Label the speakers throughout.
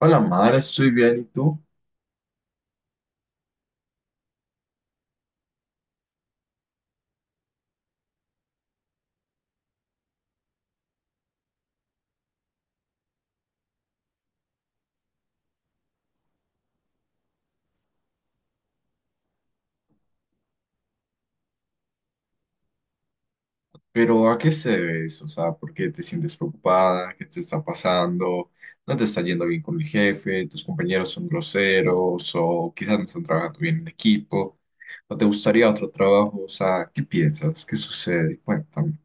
Speaker 1: Hola, Mar, estoy bien, ¿y tú? Pero ¿a qué se debe eso? O sea, ¿por qué te sientes preocupada? ¿Qué te está pasando? ¿No te está yendo bien con el jefe? ¿Tus compañeros son groseros? ¿O quizás no están trabajando bien en equipo? ¿O te gustaría otro trabajo? O sea, ¿qué piensas? ¿Qué sucede? Cuéntame.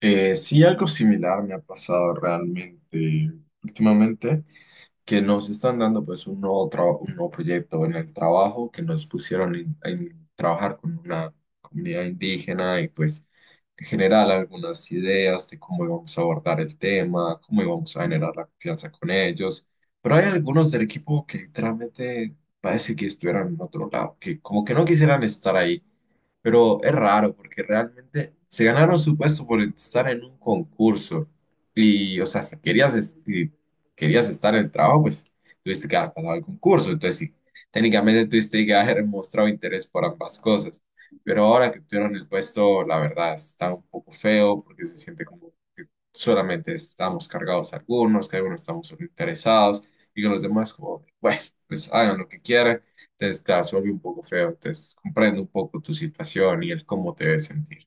Speaker 1: Sí, algo similar me ha pasado realmente últimamente, que nos están dando pues un un nuevo proyecto en el trabajo, que nos pusieron en trabajar con una comunidad indígena y pues en general algunas ideas de cómo íbamos a abordar el tema, cómo íbamos a generar la confianza con ellos, pero hay algunos del equipo que literalmente parece que estuvieran en otro lado, que como que no quisieran estar ahí. Pero es raro porque realmente se ganaron su puesto por estar en un concurso. Y, o sea, si si querías estar en el trabajo, pues tuviste que haber pasado el concurso. Entonces, sí, técnicamente tuviste que haber mostrado interés por ambas cosas. Pero ahora que obtuvieron el puesto, la verdad está un poco feo porque se siente como que solamente estamos cargados algunos, que algunos estamos solo interesados y que los demás, como, bueno, pues hagan lo que quieran, entonces te vas a volver un poco feo, entonces comprendo un poco tu situación y el cómo te debes sentir.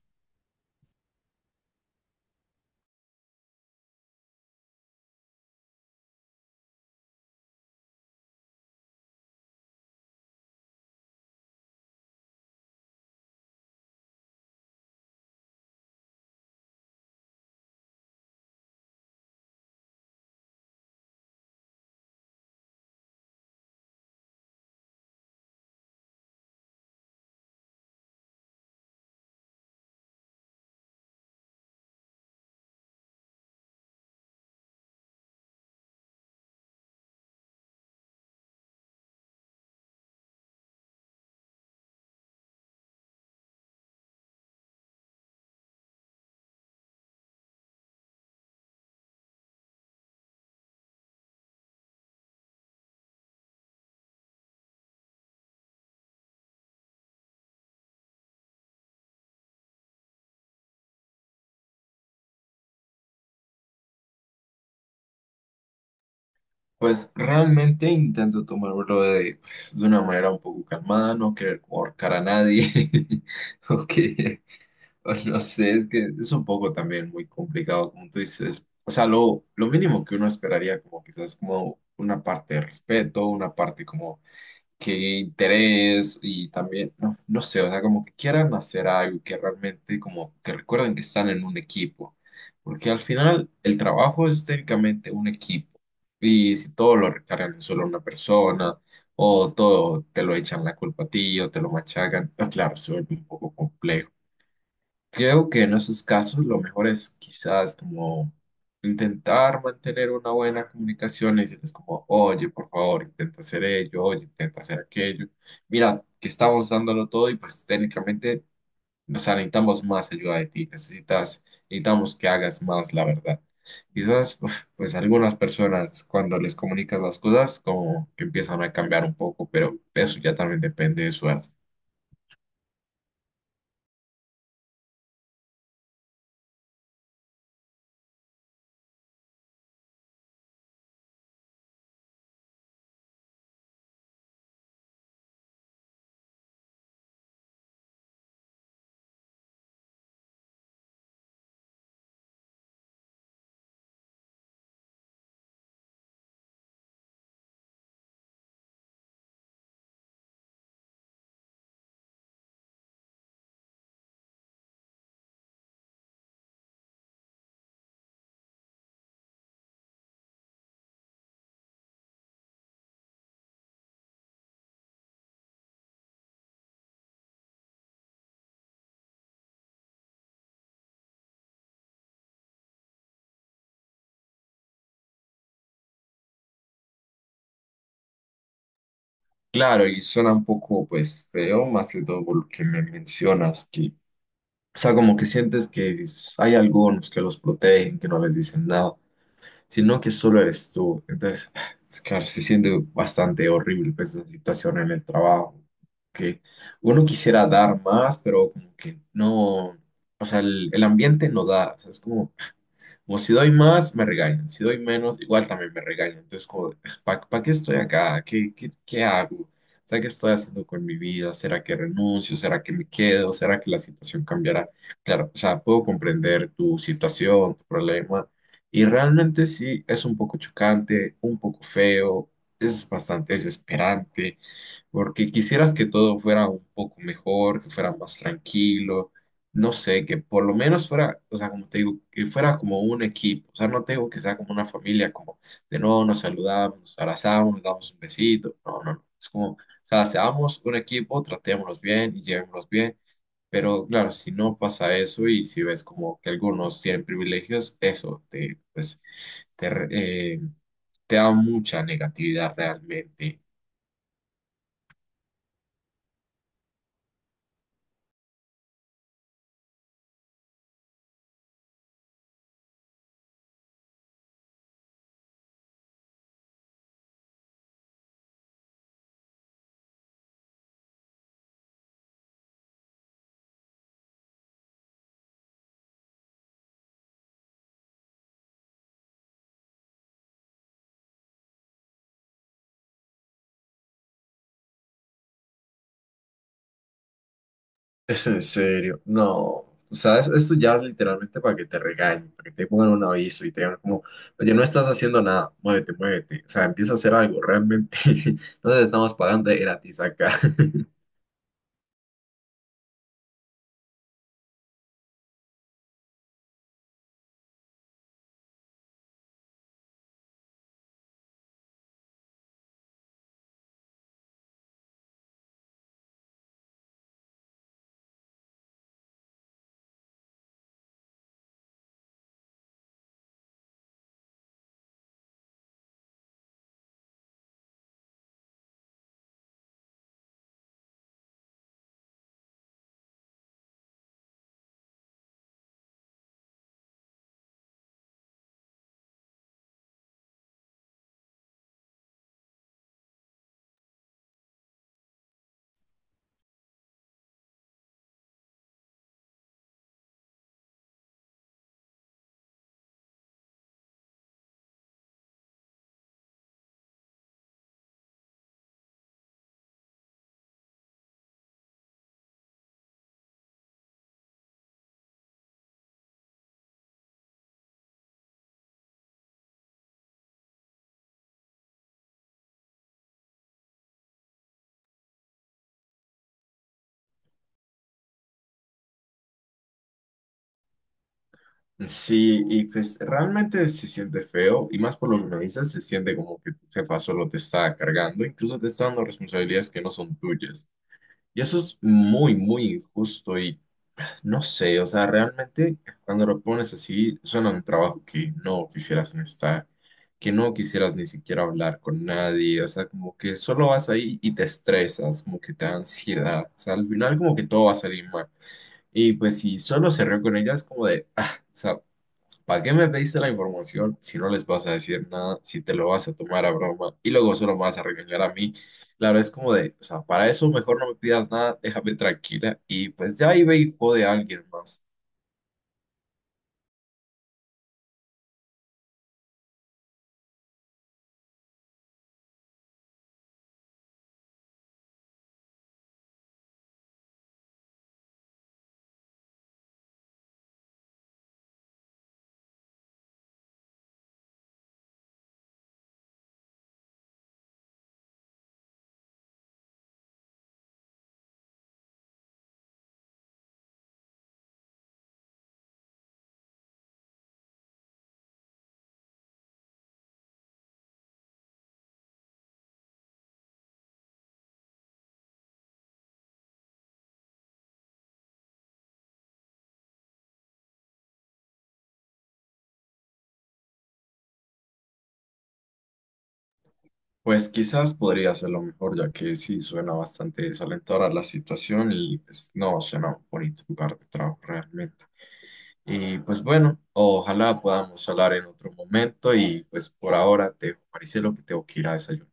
Speaker 1: Pues realmente intento tomármelo de, pues, de una manera un poco calmada, no querer como ahorcar a nadie, o que, o no sé, es que es un poco también muy complicado, como tú dices. O sea, lo mínimo que uno esperaría como quizás como una parte de respeto, una parte como qué interés y también, no, no sé, o sea, como que quieran hacer algo que realmente como que recuerden que están en un equipo, porque al final el trabajo es técnicamente un equipo y si todo lo recargan en solo una persona o todo te lo echan la culpa a ti o te lo machacan, pues claro, se vuelve un poco complejo. Creo que en esos casos lo mejor es quizás como intentar mantener una buena comunicación y decirles como, oye, por favor, intenta hacer ello, oye, intenta hacer aquello. Mira, que estamos dándolo todo y pues técnicamente, o sea, necesitamos más ayuda de ti, necesitas, necesitamos que hagas más, la verdad. Quizás, uf, pues algunas personas cuando les comunicas las cosas como que empiezan a cambiar un poco, pero eso ya también depende de suerte. Claro, y suena un poco pues feo, más que todo por lo que me mencionas, que, o sea, como que sientes que hay algunos que los protegen, que no les dicen nada, sino que solo eres tú. Entonces, claro, se siente bastante horrible pues, esa situación en el trabajo, que uno quisiera dar más, pero como que no, o sea, el ambiente no da, o sea, es como como si doy más, me regañan. Si doy menos, igual también me regañan. Entonces, como, ¿para qué estoy acá? ¿Qué, qué hago? O sea, ¿qué estoy haciendo con mi vida? ¿Será que renuncio? ¿Será que me quedo? ¿Será que la situación cambiará? Claro, o sea, puedo comprender tu situación, tu problema. Y realmente sí, es un poco chocante, un poco feo, es bastante desesperante porque quisieras que todo fuera un poco mejor, que fuera más tranquilo, no sé, que por lo menos fuera, o sea, como te digo, que fuera como un equipo, o sea, no tengo que sea como una familia, como de no, nos saludamos, nos abrazamos, nos damos un besito, no, no, no, es como, o sea, seamos un equipo, tratémonos bien y llevémonos bien. Pero claro, si no pasa eso y si ves como que algunos tienen privilegios, eso te, pues, te, re- eh, te da mucha negatividad realmente. Es en serio, no. O sea, esto ya es literalmente para que te regañen, para que te pongan un aviso y te digan como, oye, no estás haciendo nada, muévete, muévete. O sea, empieza a hacer algo, realmente. No te estamos pagando de gratis acá. Sí, y pues realmente se siente feo, y más por lo que me dices, se siente como que tu jefa solo te está cargando, incluso te está dando responsabilidades que no son tuyas. Y eso es muy, muy injusto y no sé, o sea, realmente cuando lo pones así, suena un trabajo que no quisieras ni estar, que no quisieras ni siquiera hablar con nadie, o sea, como que solo vas ahí y te estresas, como que te da ansiedad, o sea, al final como que todo va a salir mal. Y pues si solo se rió con ella, es como de, ah, o sea, ¿para qué me pediste la información si no les vas a decir nada, si te lo vas a tomar a broma y luego solo me vas a regañar a mí? Claro, es como de, o sea, para eso mejor no me pidas nada, déjame tranquila y pues ya ahí ve y jode a alguien más. Pues quizás podría ser lo mejor, ya que sí suena bastante desalentadora la situación y pues no suena un bonito lugar de trabajo realmente. Y pues bueno, ojalá podamos hablar en otro momento y pues por ahora te dejo, Maricelo, que tengo que ir a desayunar.